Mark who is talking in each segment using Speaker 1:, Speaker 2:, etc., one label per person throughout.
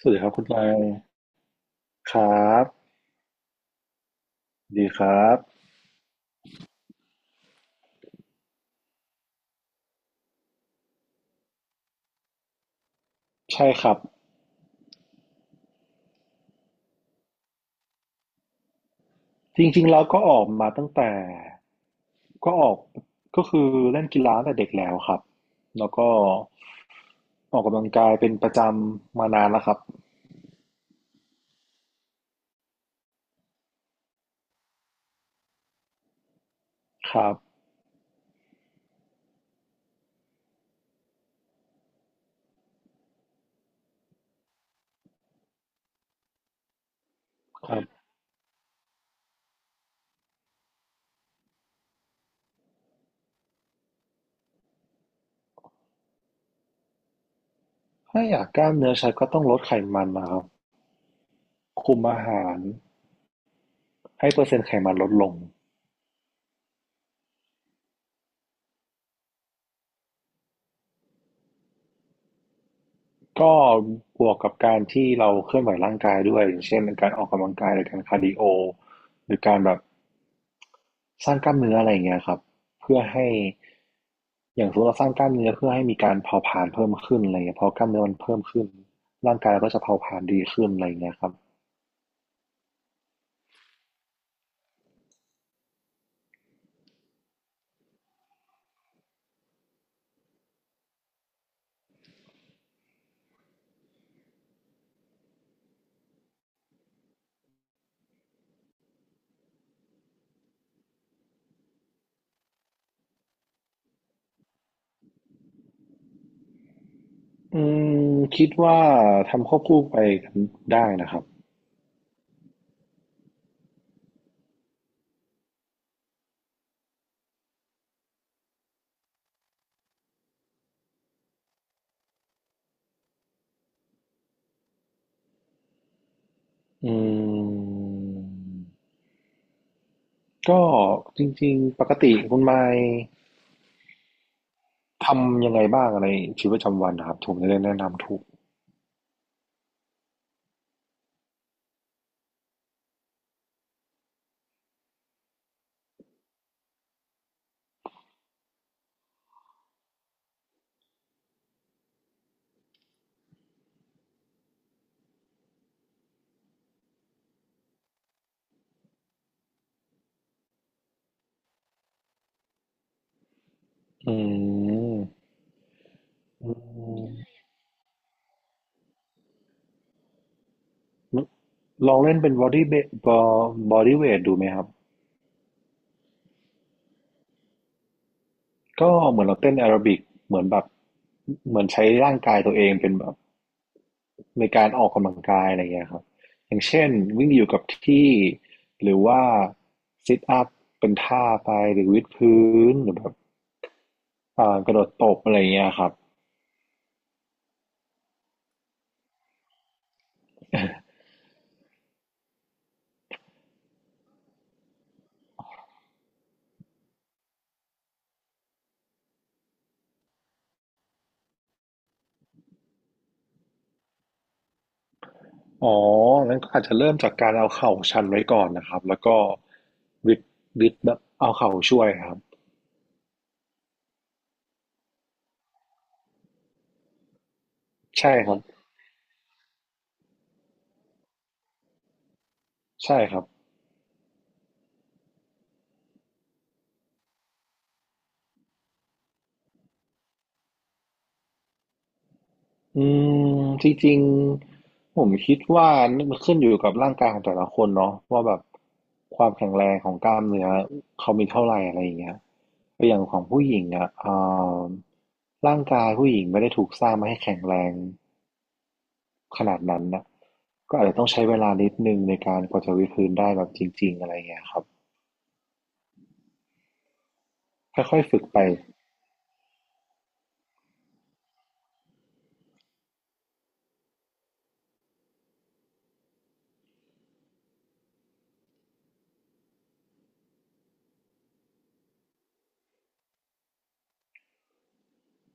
Speaker 1: สวัสดีครับคุณไลครับดีครับใช่ครับจริงๆแล้วก็ออกมาตั้งแต่ก็ออกก็คือเล่นกีฬาตั้งแต่เด็กแล้วครับแล้วก็ออกกำลังกายเป็นประจำมานานแล้วครับครับครับถ้าอยากกล้ามเนื้อชัดก็ต้องลดไขมันนะครับคุมอาหารให้เปอร์เซ็นต์ไขมันลดลงก็บวกกับการที่เราเคลื่อนไหวร่างกายด้วยอย่างเช่นการออกกำลังกายหรือการคาร์ดิโอหรือการแบบ สร้างกล้ามเนื้ออะไรอย่างเงี้ยครับเพื่อให้อย่างสมมติเราสร้างกล้ามเนื้อเพื่อให้มีการเผาผลาญเพิ่มขึ้นอะไรเงี้ยพอกล้ามเนื้อมันเพิ่มขึ้นร่างกายเราก็จะเผาผลาญดีขึ้นอะไร่เงี้ยครับอืมคิดว่าทำควบคู่ไปกันได้นะครับอืมก็จริงๆปกติคุณไมค์ทำยังไงบ้างอะไนชีวิตประจำวันนะครับผมจะได้แนะนำถูกอืมอืมลองเล่นเป็น body weight ดูไหมครับ ก็เหมือนเราเต้นแอโรบิกเหมือนแบบเหมือนใช้ร่างกายตัวเองเป็นแบบในการออกกำลังกายอะไรเงี้ยครับอย่างเช่นวิ่งอยู่กับที่หรือว่าซิทอัพเป็นท่าไปหรือวิดพื้นหรือแบบกระโดดตบอะไรเงี้ยครับอ๋องั้นก็อาจจะเริ่มจากการเอาเข่าชันไว้ก่อนนะครับแล้วก็วิดวิดแบบเอาเข่าช่วยครับใช่ครับใช่ครับ อืมจริงๆผมคิดว่ามันขึ้นอยู่กับร่างกายของแต่ละคนเนาะว่าแบบความแข็งแรงของกล้ามเนื้อเขามีเท่าไหร่อะไรอย่างเงี้ยอย่างของผู้หญิงอ่ะอร่างกายผู้หญิงไม่ได้ถูกสร้างมาให้แข็งแรงขนาดนั้นนะก็อาจจะต้องใช้เวลานิดนึงในการกว่าจะวิดพื้นได้แบบจริงๆอะไรอย่างเงี้ยครับค่อยๆฝึกไป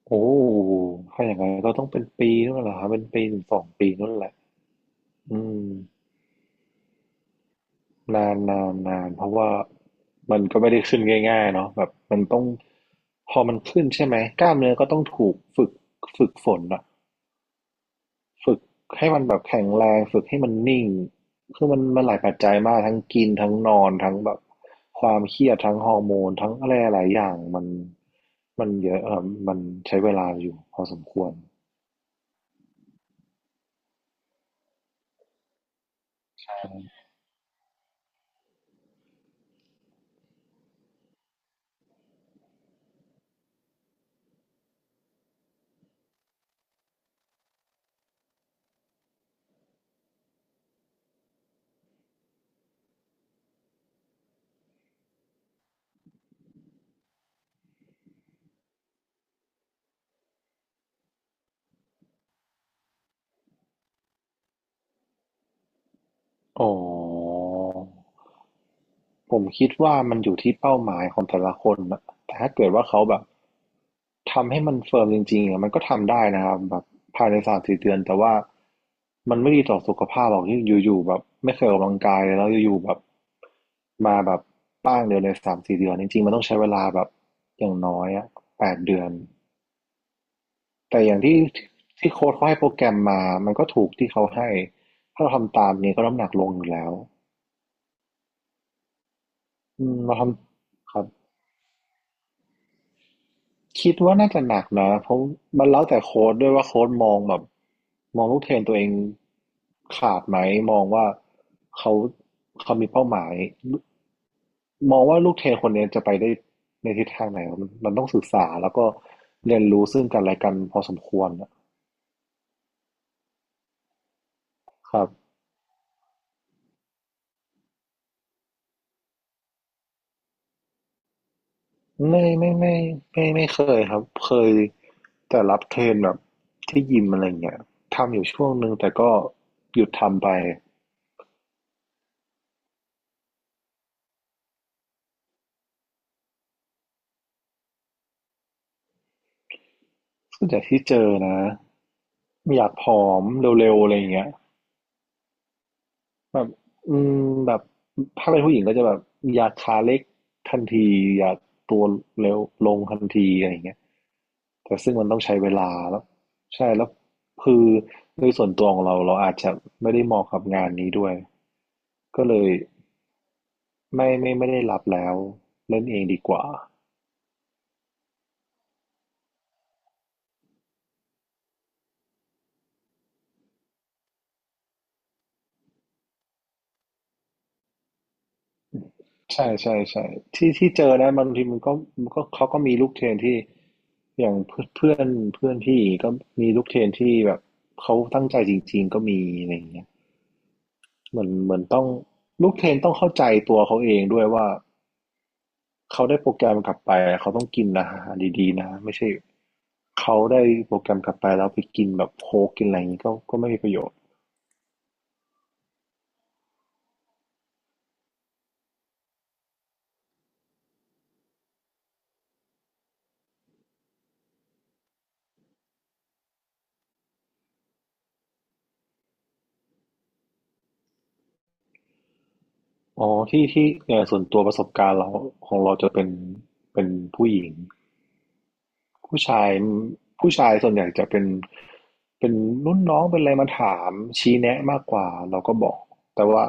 Speaker 1: โอ้ถ้าอย่างนั้นก็ต้องเป็นปีนู่นแหละครับเป็นปีถึงสองปีนู่นแหละอืม นานเพราะว่ามันก็ไม่ได้ขึ้นง่ายๆเนาะแบบมันต้องพอมันขึ้นใช่ไหมกล้ามเนื้อก็ต้องถูกฝึกฝึกฝนอะฝึกให้มันแบบแข็งแรงฝึกให้มันนิ่งคือมันหลายปัจจัยมากทั้งกินทั้งนอนทั้งแบบความเครียดทั้งฮอร์โมนทั้งอะไรหลายอย่างมันเยอะเออมันใช้เวลาอยู่พอสมควรอ๋อ ผมคิดว่ามันอยู่ที่เป้าหมายของแต่ละคนนะแต่ถ้าเกิดว่าเขาแบบทำให้มันเฟิร์มจริงๆอะมันก็ทำได้นะครับแบบภายในสามสี่เดือนแต่ว่ามันไม่ดีต่อสุขภาพหรอกที่อยู่ๆแบบไม่เคยออกกำลังกายเลยแล้วอยู่ๆแบบมาแบบป้างเดียวในสามสี่เดือนจริงๆมันต้องใช้เวลาแบบอย่างน้อยอะแปดเดือนแต่อย่างที่โค้ชเขาให้โปรแกรมมามันก็ถูกที่เขาให้ถ้าเราทำตามนี้ก็น้ำหนักลงอยู่แล้วอืมเราทำครับ คิดว่าน่าจะหนักนะเพราะมันแล้วแต่โค้ดด้วยว่าโค้ดมองแบบมองลูกเทรนตัวเองขาดไหมมองว่าเขาเขามีเป้าหมายมองว่าลูกเทรนคนนี้จะไปได้ในทิศทางไหนมันต้องศึกษาแล้วก็เรียนรู้ซึ่งกันและกันพอสมควรนะครับไม่ไม่ไม่ไม่ไม่เคยครับเคยแต่รับเทรนแบบที่ยิมอะไรเงี้ยทำอยู่ช่วงหนึ่งแต่ก็หยุดทำไปส่วนใหญ่ที่เจอนะ อยากผอมเร็วๆอะไรอย่างเงี้ยแบบอืมแบบถ้าเป็นผู้หญิงก็จะแบบอยากขาเล็กทันทีอยากตัวเร็วลงทันทีอะไรอย่างเงี้ยแต่ซึ่งมันต้องใช้เวลาแล้วใช่ แล้วคือโดยส่วนตัวของเราเราอาจจะไม่ได้เหมาะกับงานนี้ด้วย ก็เลยไม่ได้รับแล้วเล่นเองดีกว่า ใช่ใช่ใช่ที่เจอนะบางทีมันก็เขาก็มีลูกเทรนที่อย่างเพื่อนเพื่อนเพื่อนพี่ก็มีลูกเทรนที่แบบเขาตั้งใจจริงๆก็มีอะไรอย่างเงี้ยเหมือนเหมือนต้องลูกเทรนต้องเข้าใจตัวเขาเองด้วยว่าเขาได้โปรแกรมกลับไปเขาต้องกินอาหารดีๆนะไม่ใช่เขาได้โปรแกรมกลับไปแล้วไปกินแบบโค้กกินอะไรอย่างงี้ก็ไม่มีประโยชน์อ๋อที่เนี่ยส่วนตัวประสบการณ์เราของเราจะเป็นเป็นผู้หญิง ผู้ชายผู้ชายส่วนใหญ่จะเป็นเป็นรุ่นน้องเป็นอะไรมาถามชี้แนะมากกว่าเราก็บอก แต่ว่า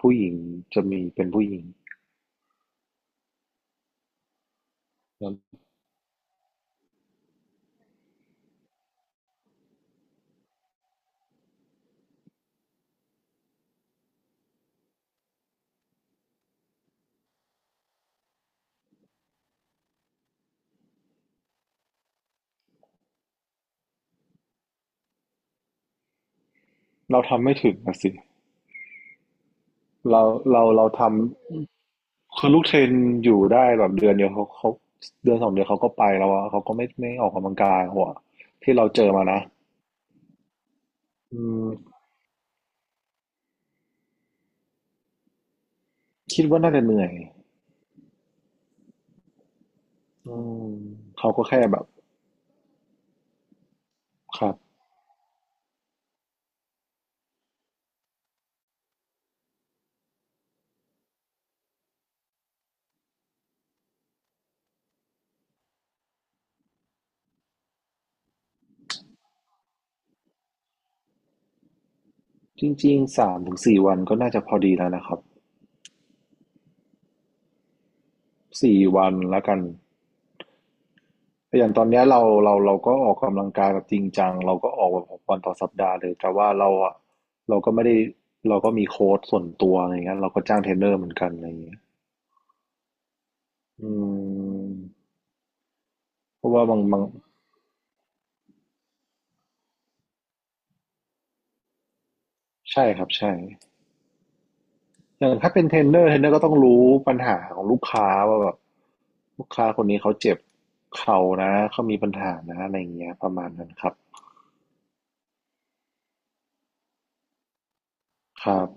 Speaker 1: ผู้หญิงจะมีเป็นผู้หญิง เราทำไม่ถึงนะสิเราเราทำคือลูกเทรนอยู่ได้แบบเดือนเดียวเขาเดือนสองเดือนเขาก็ไปแล้วอะเขาก็ไม่ออกกำลังกายหัวที่เราเจอมานะอืมคิดว่าน่าจะเหนื่อยอืมเขาก็แค่แบบครับจริงๆสามถึงสี่วันก็น่าจะพอดีแล้วนะครับสี่วันแล้วกัน อย่างตอนเนี้ยเราก็ออกกำลังกายแบบจริงจังเราก็ออกแบบหกวันต่อสัปดาห์เลยแต่ว่าเราอะเราก็ไม่ได้เราก็มีโค้ชส่วนตัวอะไรเงี้ยเราก็จ้างเทรนเนอร์เหมือนกันอะไรเงี้ยอืมเพราะว่าบางใช่ครับใช่อย่างถ้าเป็นเทรนเนอร์ก็ต้องรู้ปัญหาของลูกค้าว่าแบบลูกค้าคนนี้เขาเจ็บเข่านะเขามีปัญหานะอะไรเงี้ยประมาณนั้นครับครับ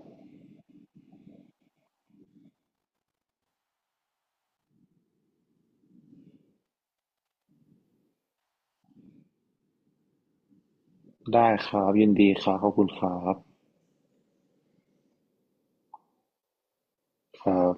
Speaker 1: ได้ครับยินดีครับขอบคุณครับครับ